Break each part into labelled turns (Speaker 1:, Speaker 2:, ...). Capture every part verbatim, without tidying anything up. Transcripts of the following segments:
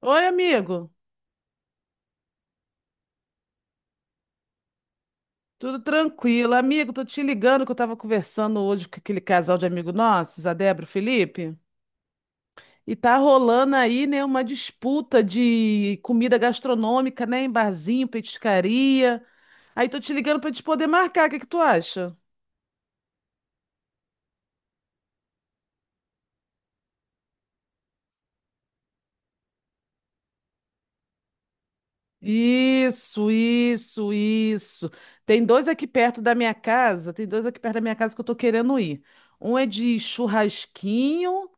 Speaker 1: Oi, amigo. Tudo tranquilo? Amigo, tô te ligando que eu tava conversando hoje com aquele casal de amigo nossos, a Débora e o Felipe, e tá rolando aí, né, uma disputa de comida gastronômica, né, em barzinho, petiscaria. Aí tô te ligando pra gente poder marcar, o que que tu acha? Isso, isso, isso. Tem dois aqui perto da minha casa, tem dois aqui perto da minha casa que eu tô querendo ir. Um é de churrasquinho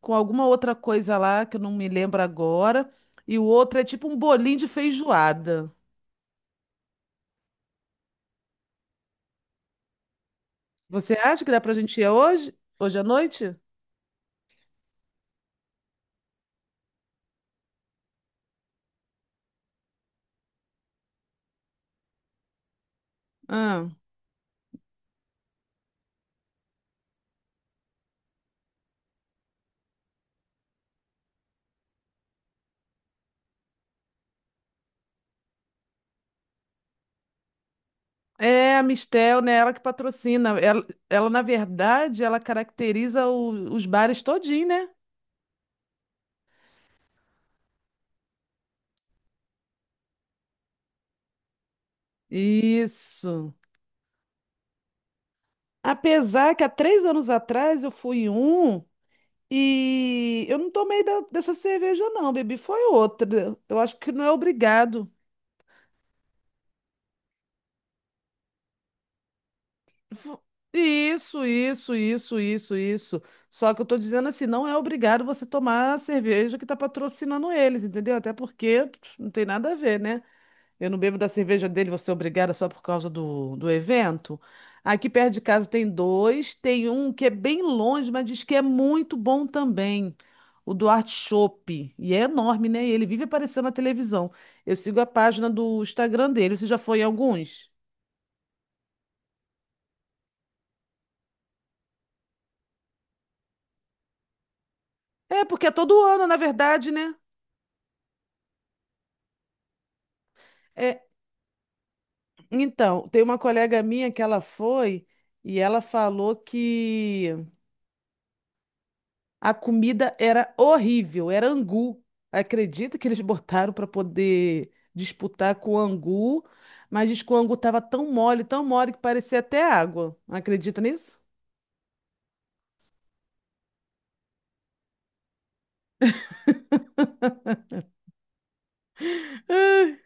Speaker 1: com alguma outra coisa lá que eu não me lembro agora. E o outro é tipo um bolinho de feijoada. Você acha que dá pra gente ir hoje? Hoje à noite? Ah. É, a Mistel, né? Ela que patrocina. Ela, ela, na verdade, ela caracteriza o- os bares todinho, né? Isso. Apesar que há três anos atrás eu fui em um e eu não tomei da- dessa cerveja, não, bebi. Foi outra. Eu acho que não é obrigado. Fu- Isso, isso, isso, isso, isso. Só que eu tô dizendo assim, não é obrigado você tomar a cerveja que tá patrocinando eles, entendeu? Até porque pff, não tem nada a ver, né? Eu não bebo da cerveja dele, você é obrigada só por causa do, do evento. Aqui perto de casa tem dois, tem um que é bem longe, mas diz que é muito bom também. O Duarte Chopp. E é enorme, né? E ele vive aparecendo na televisão. Eu sigo a página do Instagram dele. Você já foi em alguns? É, porque é todo ano, na verdade, né? É, então, tem uma colega minha que ela foi e ela falou que a comida era horrível, era angu. Acredita que eles botaram para poder disputar com o angu, mas diz que o angu estava tão mole, tão mole que parecia até água. Acredita nisso? Ai,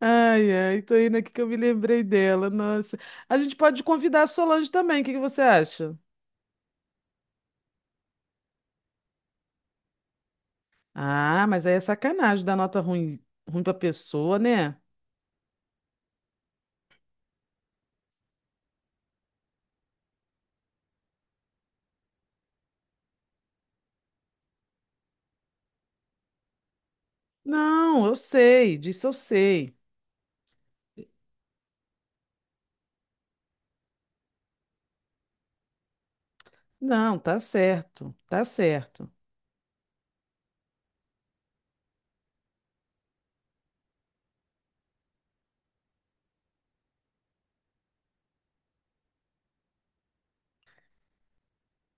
Speaker 1: ai, ai, tô indo aqui que eu me lembrei dela, nossa. A gente pode convidar a Solange também, o que que você acha? Ah, mas aí é sacanagem dar nota ruim, ruim pra pessoa, né? Não, eu sei, disso eu sei. Não, tá certo, tá certo.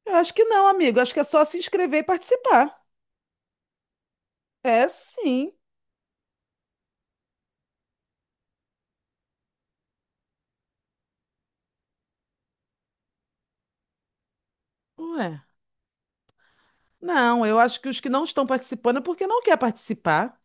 Speaker 1: Eu acho que não, amigo. Acho que é só se inscrever e participar. É sim. Ué. Não, eu acho que os que não estão participando é porque não quer participar.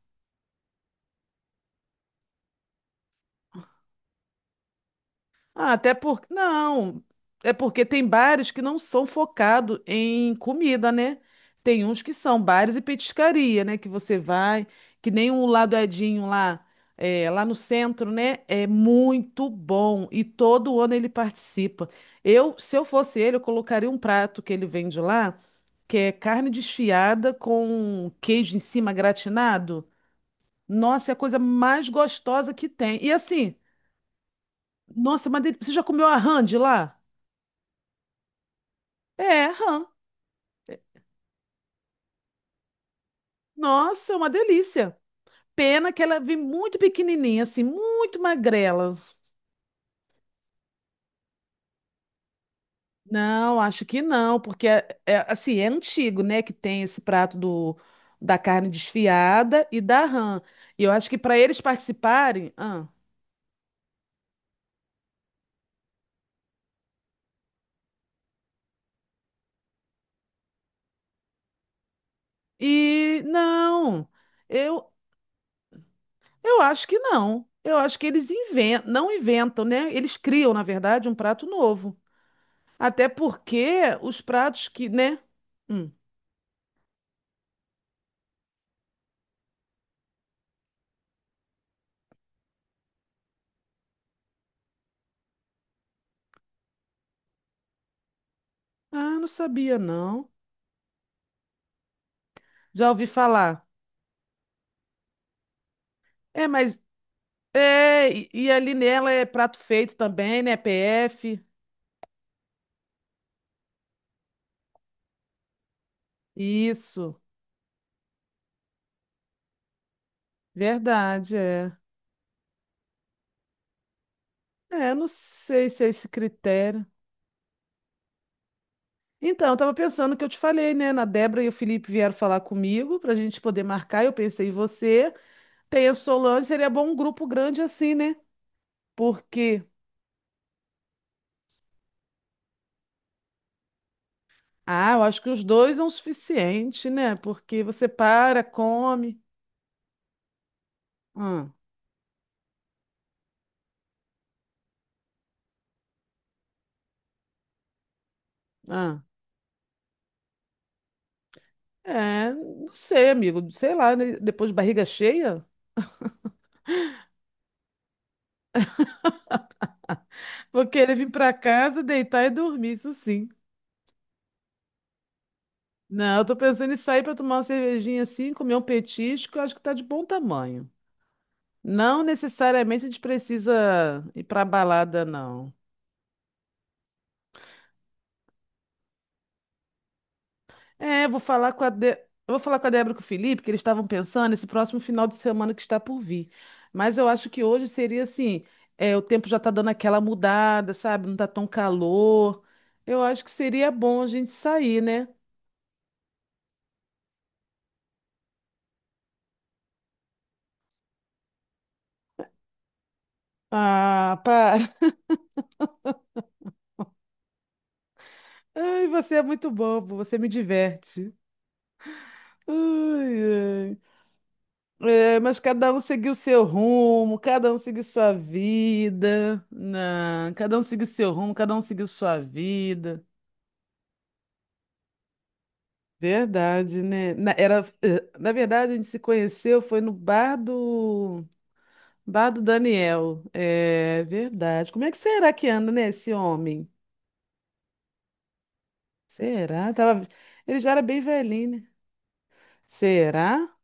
Speaker 1: Ah, até porque. Não, é porque tem bares que não são focados em comida, né? Tem uns que são bares e petiscaria, né? Que você vai, que nem o Ladoedinho lá, é, lá no centro, né? É muito bom. E todo ano ele participa. Eu, se eu fosse ele, eu colocaria um prato que ele vende lá, que é carne desfiada com queijo em cima gratinado. Nossa, é a coisa mais gostosa que tem. E assim, nossa, mas de- você já comeu a hand lá? É, rã. Nossa, é uma delícia. Pena que ela é vem muito pequenininha, assim, muito magrela. Não, acho que não, porque é, é, assim, é antigo, né, que tem esse prato do, da carne desfiada e da rã. E eu acho que para eles participarem, ah, e não. Eu eu acho que não. Eu acho que eles inventam, não inventam, né? Eles criam, na verdade, um prato novo. Até porque os pratos que, né? Hum. Ah, não sabia não. Já ouvi falar. É, mas é, e, e ali nela é prato feito também, né? P F. Isso. Verdade, é. É, eu não sei se é esse critério. Então, eu tava pensando o que eu te falei, né? Na Débora e o Felipe vieram falar comigo pra gente poder marcar. Eu pensei em você. Tem a Solange, seria bom um grupo grande assim, né? Porque, ah, eu acho que os dois é o suficiente, né? Porque você para, come. Hum, Ah, é, não sei, amigo. Sei lá, né? Depois de barriga cheia, vou querer vir pra casa, deitar e dormir, isso sim. Não, eu tô pensando em sair pra tomar uma cervejinha assim, comer um petisco, eu acho que tá de bom tamanho. Não necessariamente a gente precisa ir pra balada, não. É, vou falar com a De... eu vou falar com a Débora e com o Felipe, que eles estavam pensando nesse próximo final de semana que está por vir. Mas eu acho que hoje seria assim, é, o tempo já está dando aquela mudada, sabe? Não está tão calor. Eu acho que seria bom a gente sair, né? Ah, para. Ai, você é muito bobo, você me diverte. Ai, ai. É, mas cada um seguiu seu rumo, cada um seguiu sua vida. Não, cada um seguiu seu rumo, cada um seguiu sua vida. Verdade, né? Na, era, eh, na verdade, a gente se conheceu foi no bar do, bar do Daniel. É verdade. Como é que será que anda, né, esse homem? Será? Tava, ele já era bem velhinho, né? Será?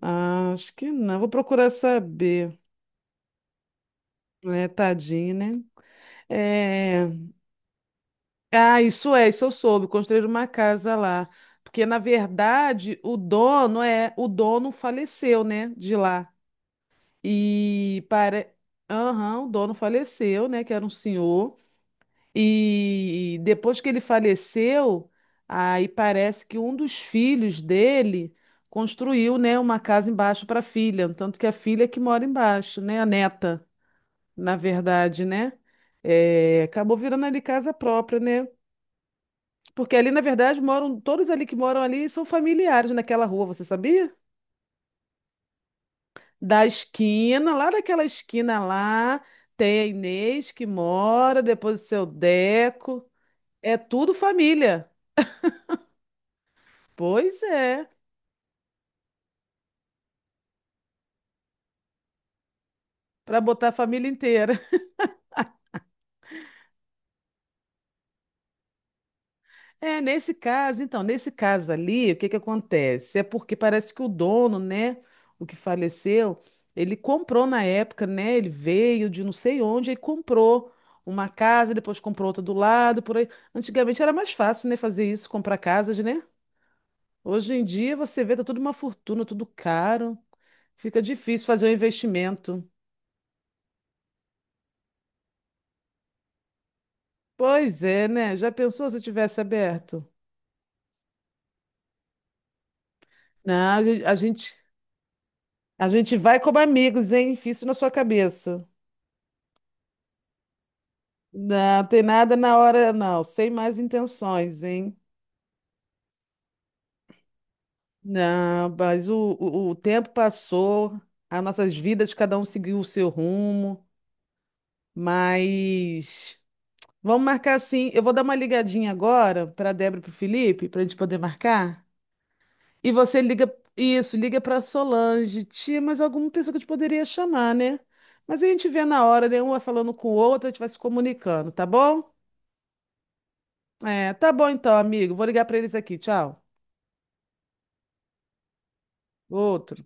Speaker 1: Ah, acho que não. Vou procurar saber. É, tadinho, né? É... Ah, isso é, isso eu soube. Construíram uma casa lá. Porque, na verdade, o dono é, o dono faleceu, né, de lá. E para... Aham, o dono faleceu, né? Que era um senhor. E depois que ele faleceu, aí parece que um dos filhos dele construiu, né, uma casa embaixo para a filha. Tanto que a filha é que mora embaixo, né? A neta, na verdade, né? É, acabou virando ali casa própria, né? Porque ali, na verdade, moram, todos ali que moram ali são familiares naquela rua, você sabia? Da esquina, lá daquela esquina lá, tem a Inês que mora, depois o seu Deco. É tudo família. Pois é, para botar a família inteira. É, nesse caso, então, nesse caso ali, o que que acontece? É porque parece que o dono, né, o que faleceu, ele comprou na época, né? Ele veio de não sei onde e comprou uma casa, depois comprou outra do lado, por aí. Antigamente era mais fácil, né, fazer isso, comprar casas, né? Hoje em dia você vê, tá tudo uma fortuna, tudo caro. Fica difícil fazer um investimento. Pois é, né? Já pensou se tivesse aberto? Não, a gen- a gente, a gente vai como amigos, hein? Fiz isso na sua cabeça. Não, tem nada na hora, não. Sem mais intenções, hein? Não, mas o, o, o tempo passou, as nossas vidas, cada um seguiu o seu rumo, mas vamos marcar sim. Eu vou dar uma ligadinha agora para a Débora e para o Felipe, para a gente poder marcar. E você liga, isso, liga pra Solange, tia, mas alguma pessoa que a gente poderia chamar, né? Mas a gente vê na hora, né? Uma falando com o outro, a gente vai se comunicando, tá bom? É, tá bom então, amigo. Vou ligar pra eles aqui. Tchau. Outro.